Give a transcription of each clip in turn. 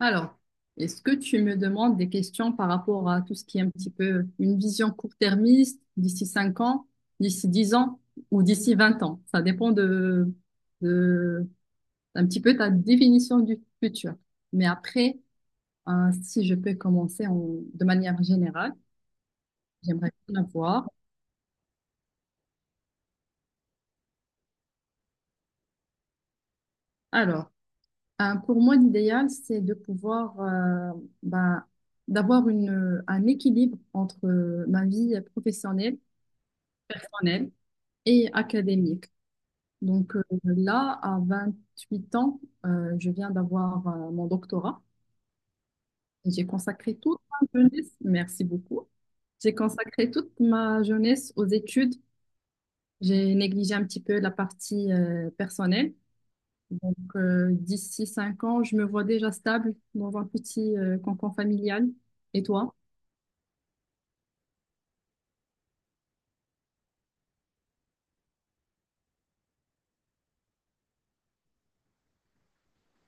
Alors, est-ce que tu me demandes des questions par rapport à tout ce qui est un petit peu une vision court-termiste d'ici 5 ans, d'ici 10 ans ou d'ici 20 ans? Ça dépend de un petit peu ta définition du futur. Mais après, si je peux de manière générale, j'aimerais bien avoir. Alors, pour moi, l'idéal, c'est de pouvoir ben, d'avoir un équilibre entre ma vie professionnelle, personnelle et académique. Donc là, à 28 ans, je viens d'avoir mon doctorat. Et j'ai consacré toute ma jeunesse, merci beaucoup. J'ai consacré toute ma jeunesse aux études. J'ai négligé un petit peu la partie personnelle. Donc d'ici 5 ans, je me vois déjà stable dans un petit cocon familial. Et toi?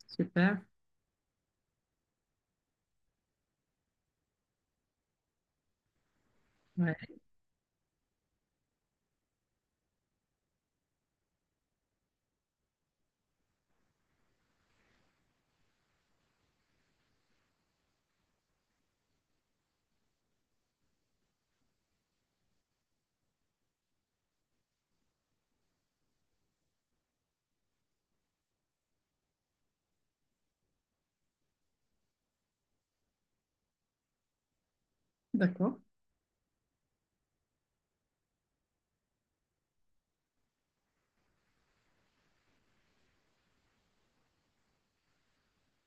Super. Ouais, d'accord.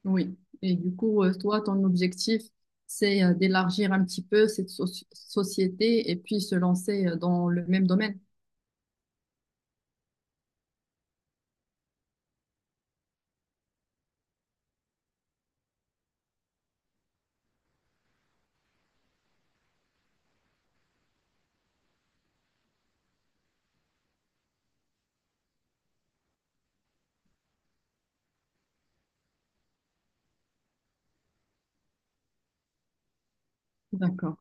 Oui, et du coup, toi, ton objectif, c'est d'élargir un petit peu cette société et puis se lancer dans le même domaine. D'accord.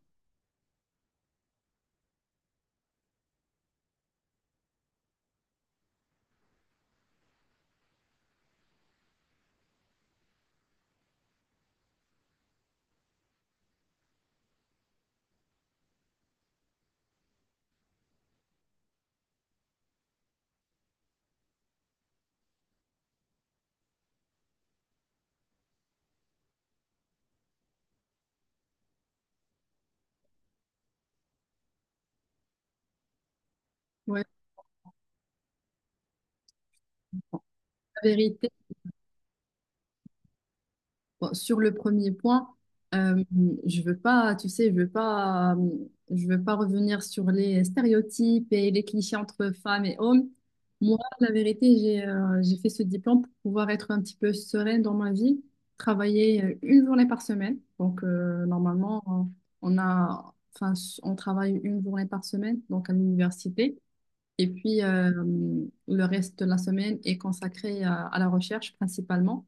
Ouais. La vérité. Bon, sur le premier point, euh, je veux pas, tu sais, je veux pas revenir sur les stéréotypes et les clichés entre femmes et hommes. Moi, la vérité, j'ai fait ce diplôme pour pouvoir être un petit peu sereine dans ma vie, travailler une journée par semaine. Donc, normalement, enfin, on travaille une journée par semaine, donc à l'université. Et puis, le reste de la semaine est consacré à la recherche principalement.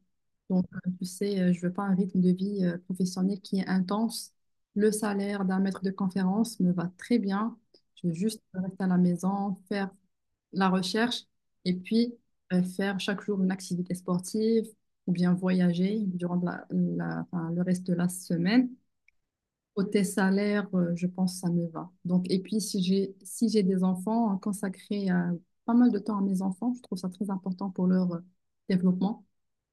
Donc, tu sais, je veux pas un rythme de vie professionnel qui est intense. Le salaire d'un maître de conférence me va très bien. Je veux juste rester à la maison, faire la recherche et puis faire chaque jour une activité sportive ou bien voyager durant enfin, le reste de la semaine. Côté salaire, je pense que ça me va. Donc, et puis, si j'ai des enfants, consacrer pas mal de temps à mes enfants, je trouve ça très important pour leur développement,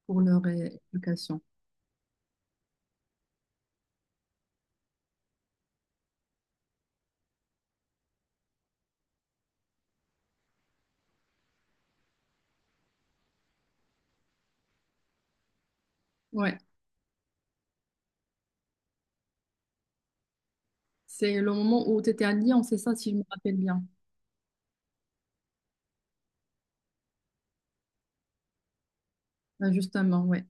pour leur éducation. Ouais, c'est le moment où tu étais à Lyon, c'est ça, si je me rappelle bien. Ouais, justement, ouais.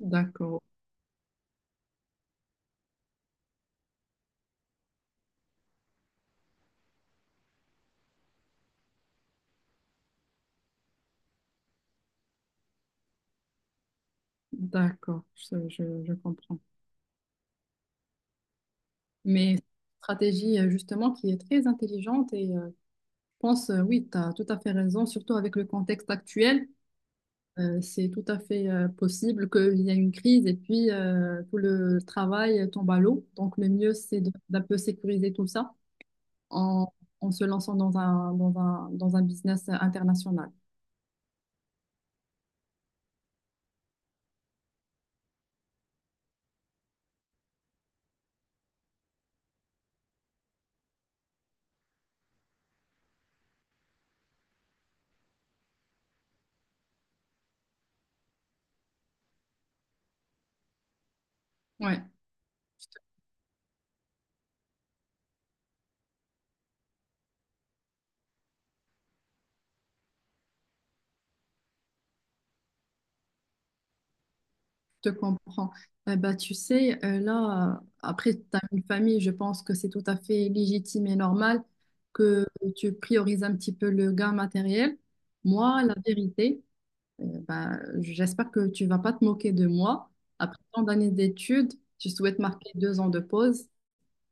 D'accord, d'accord, je comprends. Mais stratégie, justement, qui est très intelligente et je pense, oui, tu as tout à fait raison, surtout avec le contexte actuel. C'est tout à fait possible qu'il y ait une crise et puis tout le travail tombe à l'eau. Donc, le mieux, c'est d'un peu sécuriser tout ça en, en se lançant dans un business international. Ouais, je te comprends. Eh ben, tu sais, là, après, tu as une famille, je pense que c'est tout à fait légitime et normal que tu priorises un petit peu le gain matériel. Moi, la vérité, bah, j'espère que tu vas pas te moquer de moi. Après tant d'années d'études, je souhaite marquer 2 ans de pause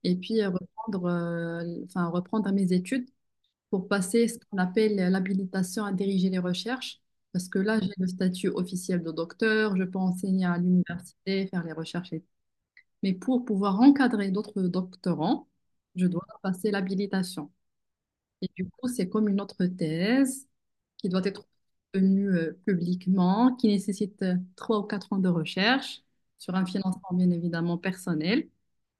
et puis reprendre, enfin, reprendre à mes études pour passer ce qu'on appelle l'habilitation à diriger les recherches. Parce que là, j'ai le statut officiel de docteur, je peux enseigner à l'université, faire les recherches. Et- Mais pour pouvoir encadrer d'autres doctorants, je dois passer l'habilitation. Et du coup, c'est comme une autre thèse qui doit être tenue publiquement, qui nécessite 3 ou 4 ans de recherche sur un financement bien évidemment personnel.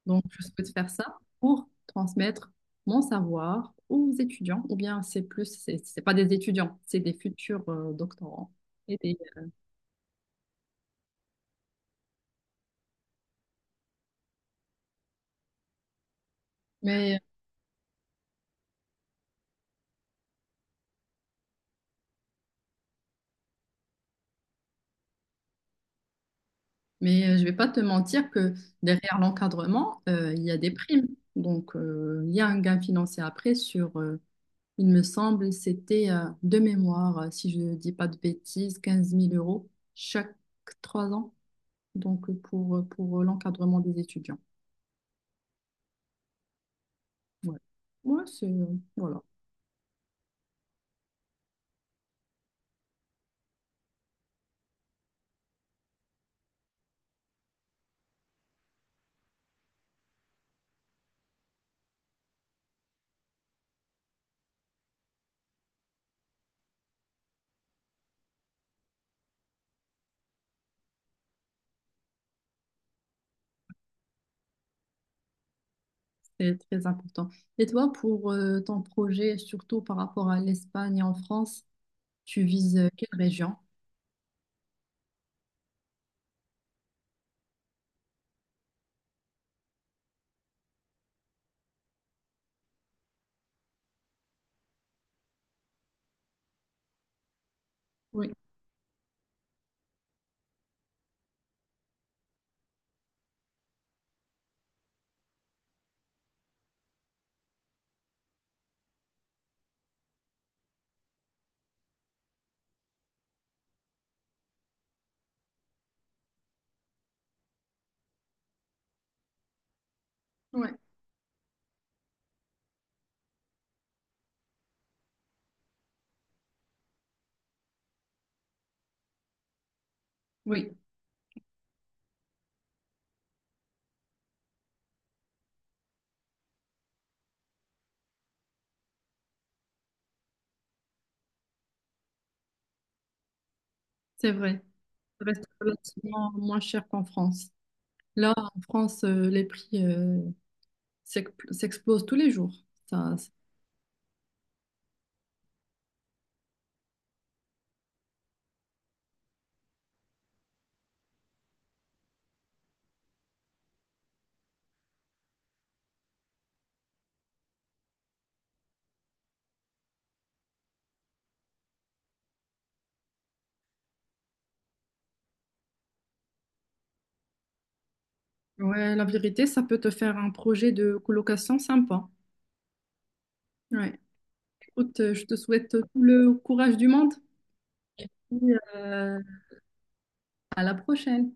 Donc, je souhaite faire ça pour transmettre mon savoir aux étudiants, ou bien c'est plus, c'est pas des étudiants, c'est des futurs doctorants. Et des- Mais, mais je vais pas te mentir que derrière l'encadrement, il y a des primes. Donc, il y a un gain financier après sur il me semble, c'était de mémoire, si je ne dis pas de bêtises, 15 000 euros chaque 3 ans, donc pour l'encadrement des étudiants. Ouais. Ouais, voilà, c'est très important. Et toi, pour ton projet, surtout par rapport à l'Espagne et en France, tu vises quelle région? Oui, ouais, oui, c'est vrai. Ça reste relativement moins cher qu'en France. Là, en France, les prix s'explosent tous les jours. Ça, ouais, la vérité, ça peut te faire un projet de colocation sympa. Ouais. Écoute, je te souhaite tout le courage du monde et euh, à la prochaine.